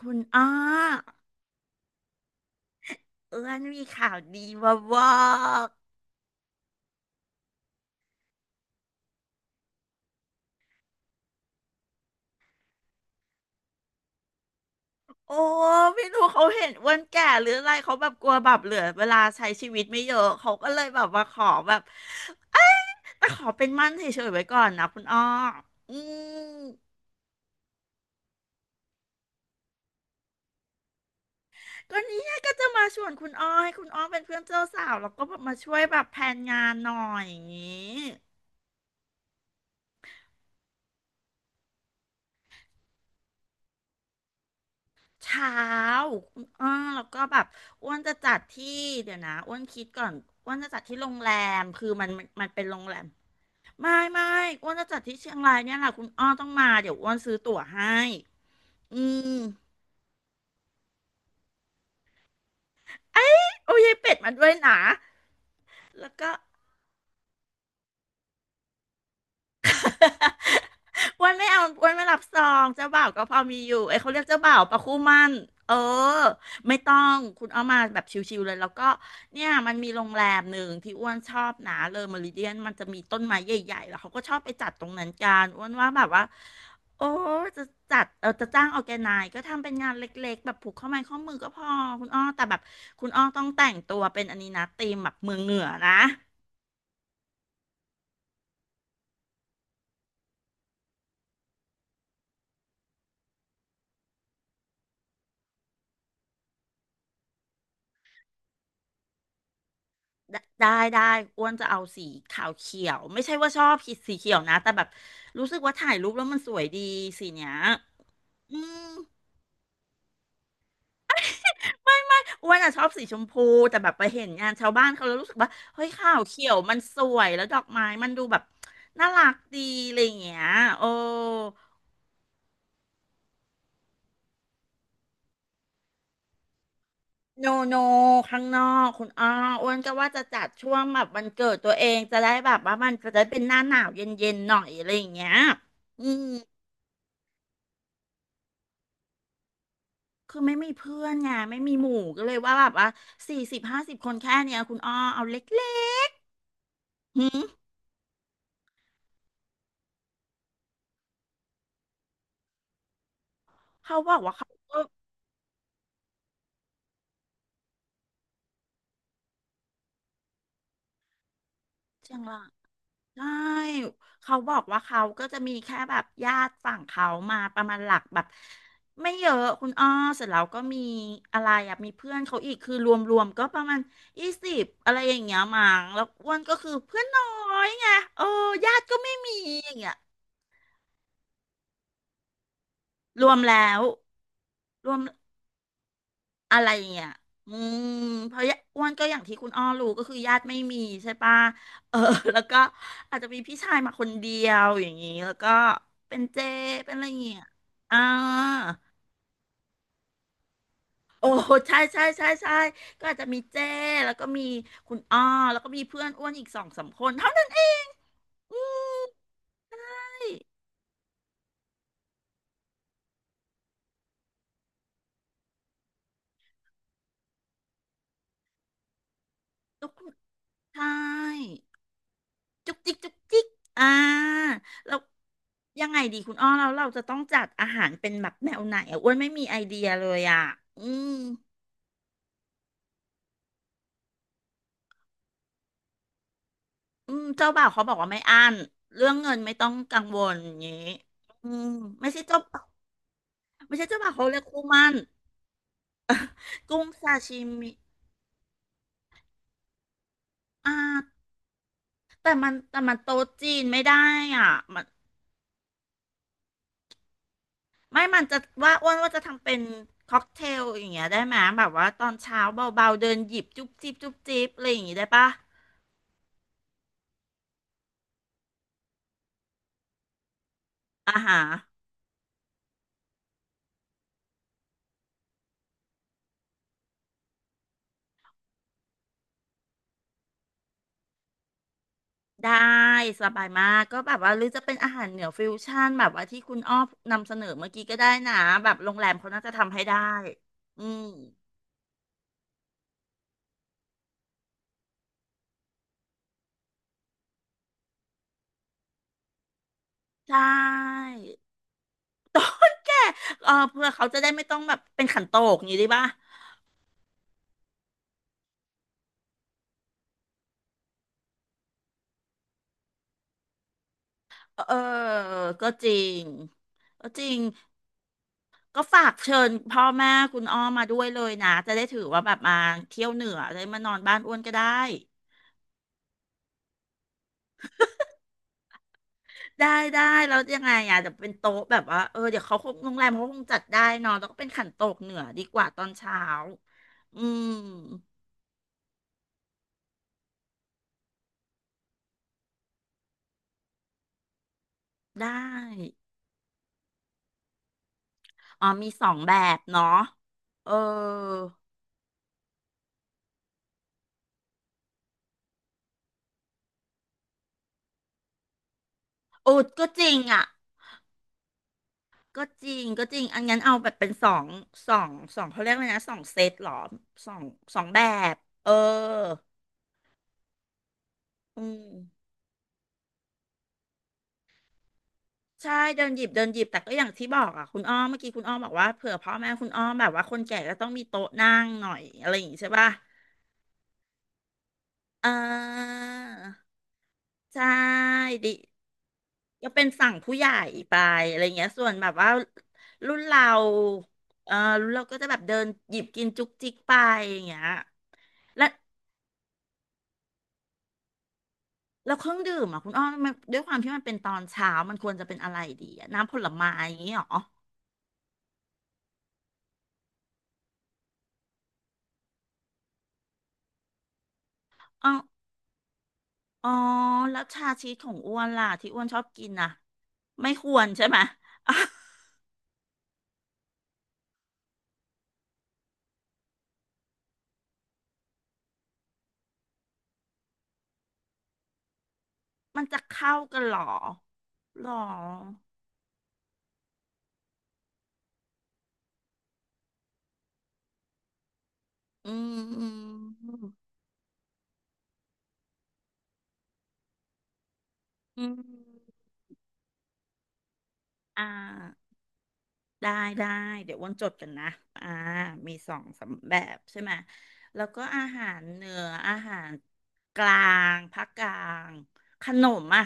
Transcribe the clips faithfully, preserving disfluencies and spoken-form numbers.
คุณอ้อเอื้อนมีข่าวดีมาบอกโอ้ไม่รู้เขาเห็นอ้วนแก่หรืออะไรเขาแบบกลัวแบบเหลือเวลาใช้ชีวิตไม่เยอะเขาก็เลยแบบมาขอแบบเอ้ยแต่ขอเป็นมั่นเฉยๆไว้ก่อนนะคุณอ้ออืมก็เนี่ยก็จะมาชวนคุณอ้อให้คุณอ้อเป็นเพื่อนเจ้าสาวแล้วก็แบบมาช่วยแบบแผนงานหน่อยอย่างนี้ เช้าอ่าแล้วก็แบบอ้วนจะจัดที่ เดี๋ยวนะอ้วนคิดก่อนอ้วนจะจัดที่โรงแรม คือมันมันมันเป็นโรงแรม ไม่ไม่อ้วนจะจัดที่เชียงรายเนี่ยแหละคุณอ้อต้องมา เดี๋ยวอ้วนซื้อตั๋วให้อืม โอ้ยายเป็ดมาด้วยนะแล้วก็ อ้วันไม่เอาอ้วันไม่รับซองเจ้าบ่าวก็พอมีอยู่เอ้ยเขาเรียกเจ้าบ่าวปะคู่หมั่นเออไม่ต้องคุณเอามาแบบชิวๆเลยแล้วก็เนี่ยมันมีโรงแรมหนึ่งที่อ้วนชอบนะเลอเมริเดียนมันจะมีต้นไม้ใหญ่ๆแล้วเขาก็ชอบไปจัดตรงนั้นกันอ้วนว่าแบบว่าโอ้จะจัดเออจะจ้างออแกไนก็ทำเป็นงานเล็กๆแบบผูกข้อไม้ข้อมือก็พอคุณอ้อแต่แบบคุณอ้อต้องแต่งตัวเป็นอันนี้นะธีมแบบเมืองเหนือนะ ได้ได้ได้อ้วนจะเอาสีขาวเขียวไม่ใช่ว่าชอบสีเขียวนะแต่แบบรู้สึกว่าถ่ายรูปแล้วมันสวยดีสีเนี้ยอืมไม่ไม่อ้วนอะชอบสีชมพูแต่แบบไปเห็นงานชาวบ้านเขาแล้วรู้สึกว่าเฮ้ยขาวเขียวมันสวยแล้วดอกไม้มันดูแบบน่ารักดีอะไรอย่างเงี้ยโอ้โนโนข้างนอกคุณอ้ออ้วนก็ว่าจะจัดช่วงแบบวันเกิดตัวเองจะได้แบบว่ามันจะได้เป็นหน้าหนาวเย็นๆหน่อยอะไรอย่างเงี้ยอืม คือไม่มีเพื่อนไงไม่มีหมู่ก็เลยว่าแบบว่าสี่สิบห้าสิบคนแค่เนี้ยคุณอ้อเอาเล็กๆหืมเขาบอกว่าเขาก็เชียงรายใช่เขาบอกว่าเขาก็จะมีแค่แบบญาติฝั่งเขามาประมาณหลักแบบไม่เยอะคุณอ้อเสร็จแล้วก็มีอะไรอะมีเพื่อนเขาอีกคือรวมๆก็ประมาณยี่สิบอะไรอย่างเงี้ยมั้งแล้วอ้วนก็คือเพื่อนน้อยไงเออญาติก็ไม่มีอย่างเงี้ยรวมแล้วรวม อะไรอย่างเงี้ยอืมเพราะยะอ้วนก็อย่างที่คุณอ้อรู้ก็คือญาติไม่มีใช่ปะเออ แล้วก็อาจจะมีพี่ชายมาคนเดียวอย่างนี้ แล้วก็เป็นเจเป็นอะไรอย่างเงี้ยอ่าโอ้ใช่ใช่ใช่ใช่ก็อาจจะมีเจ้แล้วก็มีคุณอ้อแล้วก็มีเพื่อนอ้วนอีกสองสามคนเท่านั้นเองอืมใช่แล้วคุณใช่ จุกจิกจุกจิกอ่าแล้วยังไงดีคุณอ้อเราเราจะต้องจัดอาหารเป็นแบบแนวไหนอ่ะอ้วนไม่มีไอเดียเลยอ่ะอืมอืมเจ้าบ่าวเขาบอกว่าไม่อั้นเรื่องเงินไม่ต้องกังวลอย่างนี้อืมไม่ใช่เจ้าบ่าวไม่ใช่เจ้าบ่าวเขาเรียกคู่หมั่นกุ้งซาชิมิอ่าแต่มันแต่มันโต๊ะจีนไม่ได้อ่ะมันไม่มันจะว่าอ้วนว่าจะทำเป็นค็อกเทลอย่างเงี้ยได้ไหมแบบว่าตอนเช้าเบาๆเดินหยิบจุ๊บจิ๊บจุ๊บจิ๊บอะไรอย่างงี้ได้ปะ อาหารได้สบายมากก็แบบว่าหรือจะเป็นอาหารเหนือฟิวชั่นแบบว่าที่คุณอ้อนำเสนอเมื่อกี้ก็ได้นะแบบโรงแรมเขาน่าจะทำให้ได้อืมใช่เออเพื่อเขาจะได้ไม่ต้องแบบเป็นขันโตกอย่างนี้ได้ป่ะเออเออก็จริงก็จริงก็ฝากเชิญพ่อแม่คุณอ้อมาด้วยเลยนะจะได้ถือว่าแบบมาเที่ยวเหนือจะได้มานอนบ้านอ้วนก็ได้ ได้ได้แล้วยังไงอ่ะเดี๋ยวเป็นโต๊ะแบบว่าเออเดี๋ยวเขาคงโรงแรมเขาคงจัดได้เนอะแล้วก็เป็นขันโตกเหนือดีกว่าตอนเช้าอืมได้อ๋อมีสองแบบเนาะเออโอ้ก็จริงอ่ะก็จริงก็จริงอันงั้นเอาแบบเป็นสองสองสองเขาเรียกว่าไงนะสองเซตเหรอสองสองแบบเอออืม ใช่เดินหยิบเดินหยิบแต่ก็อย่างที่บอกอ่ะคุณอ้อมเมื่อกี้คุณอ้อมบอกว่าเผื่อพ่อแม่คุณอ้อมแบบว่าคนแก่ก็ต้องมีโต๊ะนั่งหน่อยอะไรอย่างงี้ใช่ป่ะเออใช่ดิก็เป็นฝั่งผู้ใหญ่ไปอะไรเงี้ยส่วนแบบว่ารุ่นเราเออรุ่นเราก็จะแบบเดินหยิบกินจุกจิกไปอย่างเงี้ยและแล้วเครื่องดื่มอ่ะคุณอ้อมมันด้วยความที่มันเป็นตอนเช้ามันควรจะเป็นอะไรดีอะน้ำผลไม้อย่างงี้หรอ อ๋อแล้วชาชีสของอ้วนล่ะที่อ้วนชอบกินน่ะไม่ควรใช่ไหม มันจะเข้ากันเหรอหรออืมอืมอืมอ่าได้ได้เดี๋ยวอ้วนจดกันนะอ่ามีสองสามแบบใช่ไหมแล้วก็อาหารเหนืออาหารกลางภาคกลางขนมอ่ะ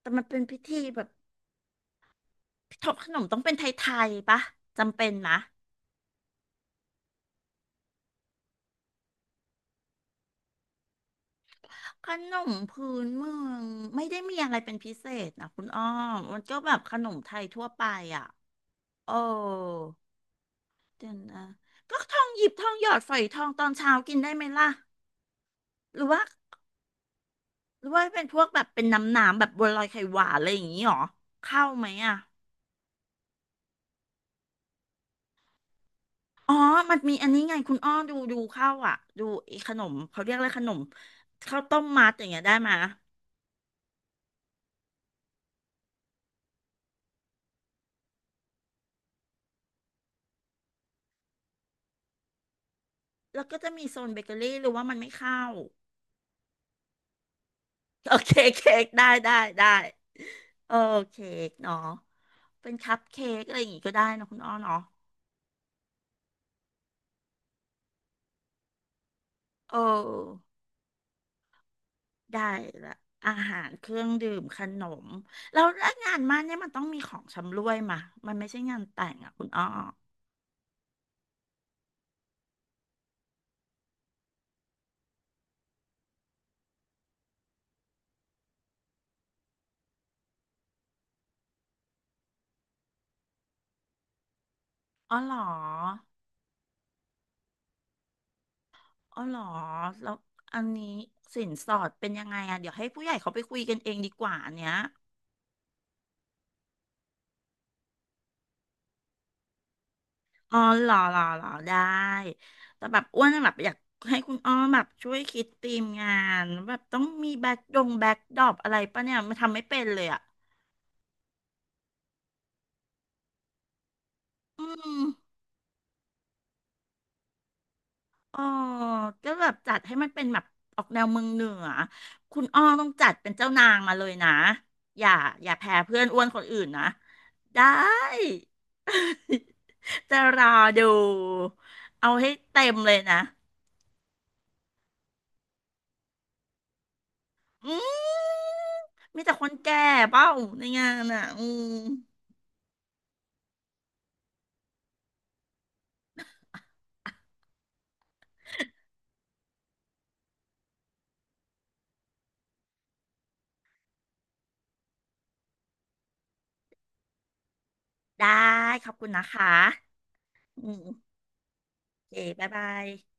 แต่มันเป็นพิธีแบบทบขนมต้องเป็นไทยๆปะจำเป็นนะ ขนมพื้นเมืองไม่ได้มีอะไรเป็นพิเศษนะคุณอ้อมมันก็แบบขนมไทยทั่วไปอ่ะโอ้เดี๋ยวนะก็ทองหยิบทองหยอดฝอยทองตอนเช้ากินได้ไหมล่ะหรือว่าหรือว่าเป็นพวกแบบเป็นน้ำหนามแบบบัวลอยไข่หวานอะไรอย่างนี้หรอเข้าไหมอ่ะอ๋อมันมีอันนี้ไงคุณอ้อดูดูเข้าวอ่ะดูไอ้ขนมเขาเรียกอะไรขนมข้าวต้มมัดอย่างเงี้ยได้ไหมยแล้วก็จะมีโซนเบเกอรี่หรือว่ามันไม่เข้า โอเคเค้กได้ได้ได้เออเค้กเนาะเป็นคัพเค้กอะไรอย่างงี้ก็ได้เนอะคุณอ้อเนาะเออได้ละอาหารเครื่องดื่มขนมแล้วแล้วงานมั่นเนี่ยมันต้องมีของชำร่วยมามันไม่ใช่งานแต่งอ่ะคุณอ้ออ๋อเหรออ๋อเหรอแล้วอันนี้สินสอดเป็นยังไงอ่ะเดี๋ยวให้ผู้ใหญ่เขาไปคุยกันเองดีกว่าอันเนี้ย อ๋อเหรอเหรอเหรอได้ แต่แบบอ้วนแบบอยากให้คุณอ้อมแบบช่วยคิดธีมงานแบบต้องมีแบ็คดงแบ็คดรอปอะไรปะเนี่ยมันทำไม่เป็นเลยอ่ะอืมอ๋อก็แบบจัดให้มันเป็นแบบออกแนวเมืองเหนือคุณอ้อต้องจัดเป็นเจ้านางมาเลยนะอย่าอย่าแพ้เพื่อนอ้วนคนอื่นนะได้ จะรอดูเอาให้เต็มเลยนะ อืมมีแต่คนแก่เปล่าในงานอ่ะอืมได้ขอบคุณนะคะอืมโอเคบ๊ายบาย